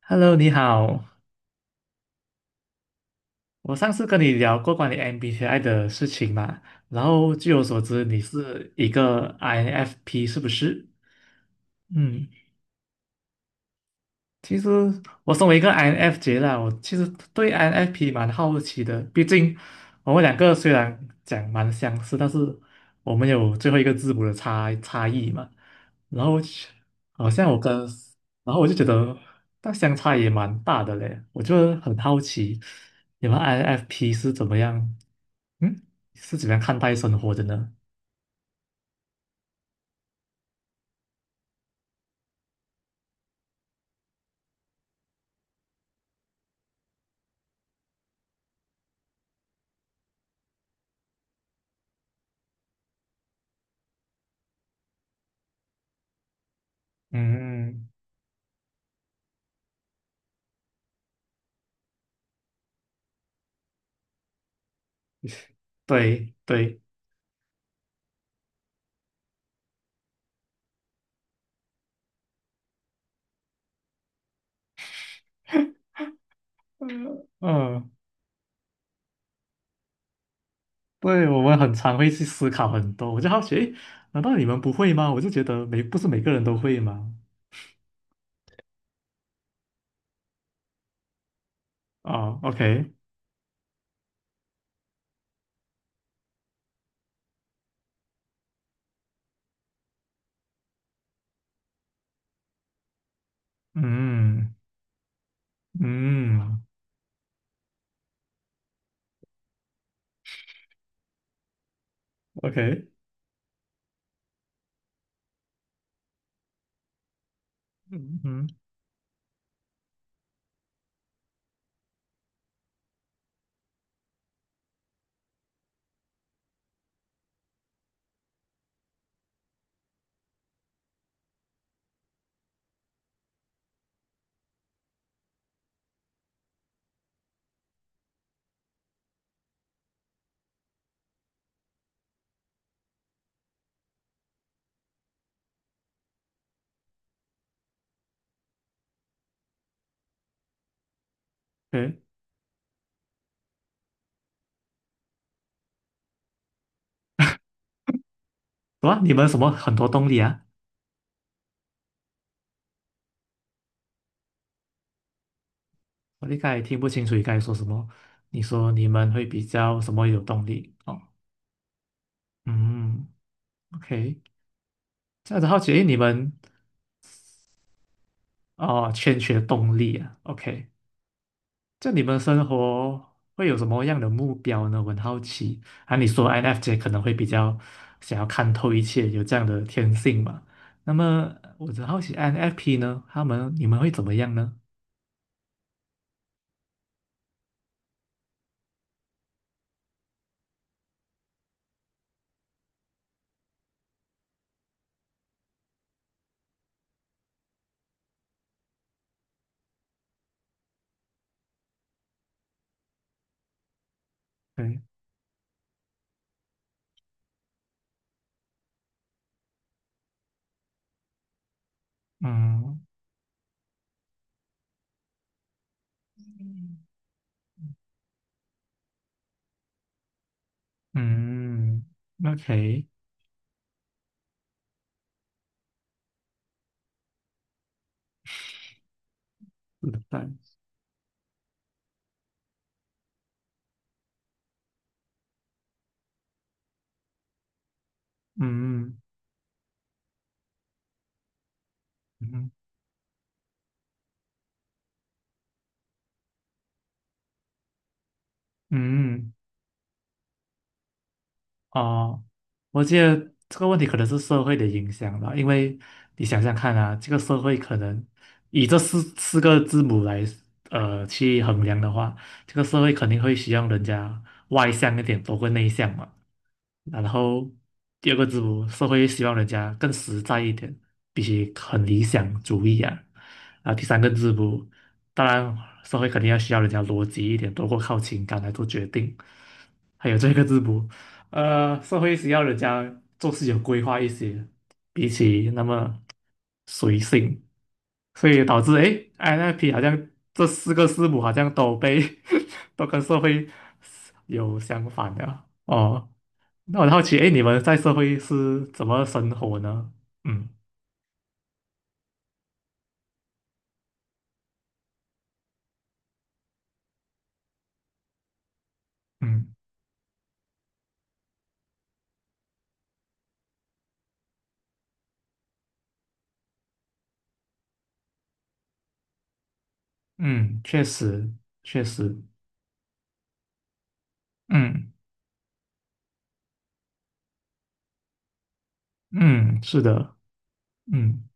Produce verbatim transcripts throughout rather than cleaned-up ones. Hello，你好。我上次跟你聊过关于 M B T I 的事情嘛，然后据我所知，你是一个 INFP，是不是？嗯。其实我身为一个 I N F J 啦，我其实对 I N F P 蛮好奇的。毕竟我们两个虽然讲蛮相似，但是我们有最后一个字母的差差异嘛。然后其好像我跟，然后我就觉得那相差也蛮大的嘞。我就很好奇，你们 I N F P 是怎么样？嗯，是怎么样看待生活的呢？嗯，对对。嗯嗯。对，我们很常会去思考很多，我就好奇，诶，难道你们不会吗？我就觉得每不是每个人都会吗？哦 o k。 嗯嗯。OK。嗯嗯。OK。什么？你们什么很多动力啊？我一才听不清楚你刚才说什么。你说你们会比较什么有动力？哦。嗯。OK，这样子好奇，诶，你们哦，欠缺动力啊？OK，就你们生活会有什么样的目标呢？我很好奇。啊，你说 I N F J 可能会比较想要看透一切，有这样的天性嘛？那么我很好奇 I N F P 呢，他们你们会怎么样呢？对。嗯嗯。OK。明白。嗯嗯嗯。哦，我觉得这个问题可能是社会的影响吧，因为你想想看啊，这个社会可能以这四四个字母来呃去衡量的话，这个社会肯定会需要人家外向一点多过内向嘛。然后第二个字母，社会希望人家更实在一点，必须很理想主义啊。啊，第三个字母，当然社会肯定要需要人家逻辑一点，多过靠情感来做决定。还有这个字母。呃，社会需要人家做事有规划一些，比起那么随性，所以导致诶 i n f p 好像这四个字母好像都被 都跟社会有相反的哦。那我很好奇，诶，你们在社会是怎么生活呢？嗯嗯嗯，确实确实。嗯嗯，是的。嗯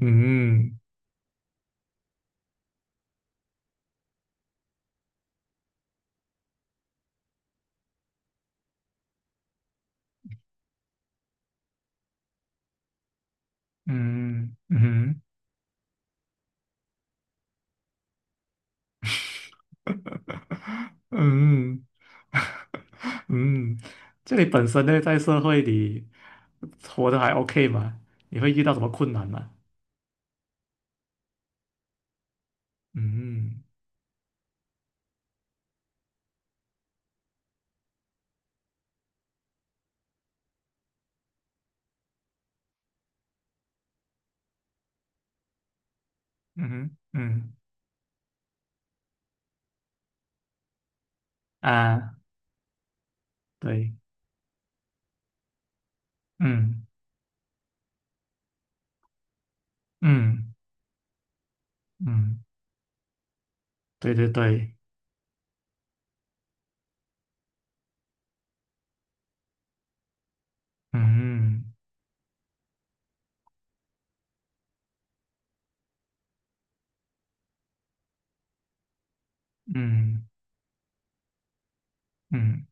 嗯嗯嗯嗯。嗯 嗯，这里本身呢，在社会里活得还 OK 吗？你会遇到什么困难吗？嗯。嗯哼。嗯啊，对。嗯嗯嗯，对对对。嗯嗯嗯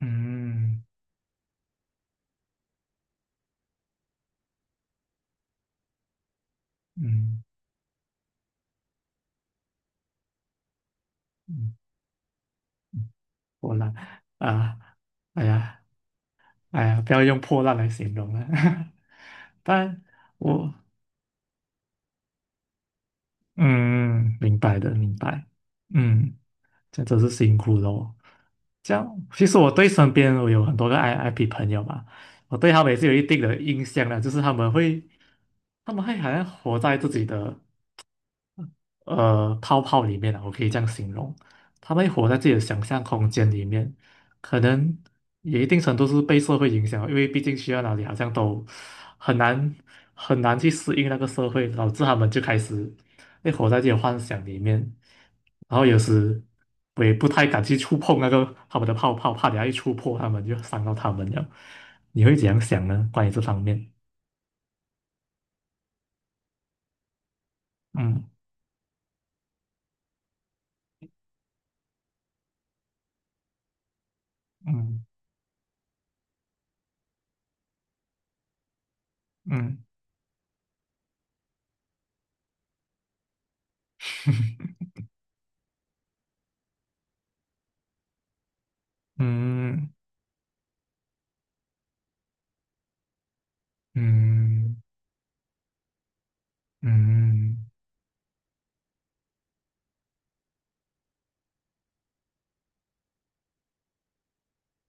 嗯嗯嗯，破烂啊，哎呀哎呀，不要用破烂来形容了，但我嗯，明白的，明白。嗯。这真是辛苦了哦。这样，其实我对身边我有很多个 I IP 朋友嘛，我对他们也是有一定的印象的，就是他们会，他们会好像活在自己的呃泡泡里面啊，我可以这样形容，他们活在自己的想象空间里面，可能也一定程度是被社会影响，因为毕竟去到哪里好像都很难很难去适应那个社会，导致他们就开始会活在自己的幻想里面，然后有时我也不太敢去触碰那个他们的泡泡，怕等下一触碰他们就伤到他们了。你会怎样想呢？关于这方面？嗯嗯嗯嗯嗯嗯。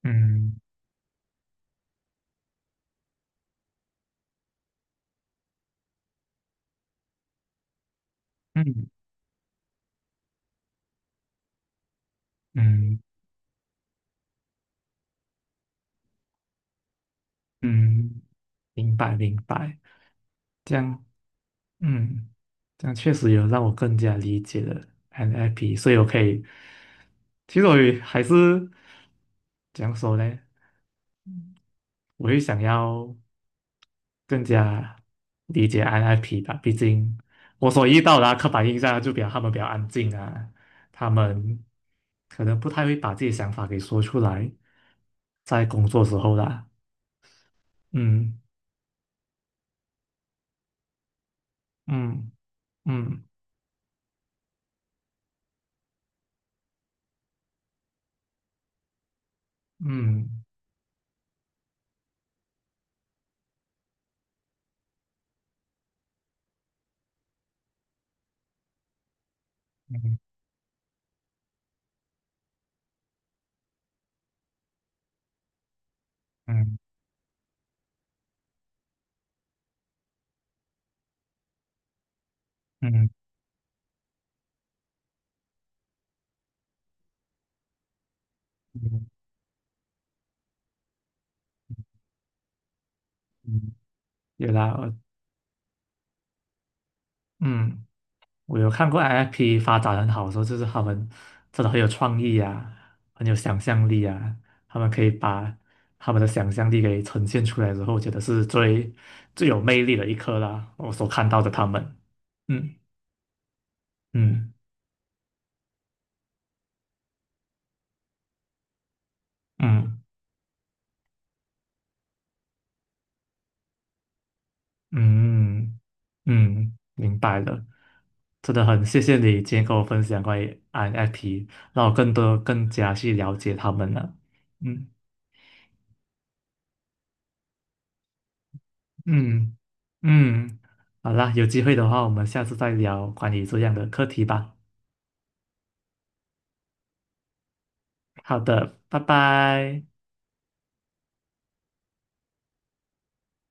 嗯嗯嗯嗯，明白明白，这样嗯，这样确实有让我更加理解了 N L P，所以我可以，其实我也还是怎样说呢？我也想要更加理解 N L P 吧，毕竟我所遇到的啊刻板印象就比较他们比较安静啊，他们可能不太会把自己的想法给说出来，在工作时候啦。嗯嗯。嗯嗯嗯嗯嗯嗯嗯，有啦。我嗯，我有看过 i f p 发展很好的时候，就是他们真的很有创意啊，很有想象力啊，他们可以把他们的想象力给呈现出来之后，我觉得是最最有魅力的一刻啦，我所看到的他们。嗯嗯嗯。嗯嗯，明白了，真的很谢谢你今天跟我分享关于 I N F P，让我更多更加去了解他们了。嗯嗯嗯，好啦，有机会的话，我们下次再聊关于这样的课题吧。好的，拜拜。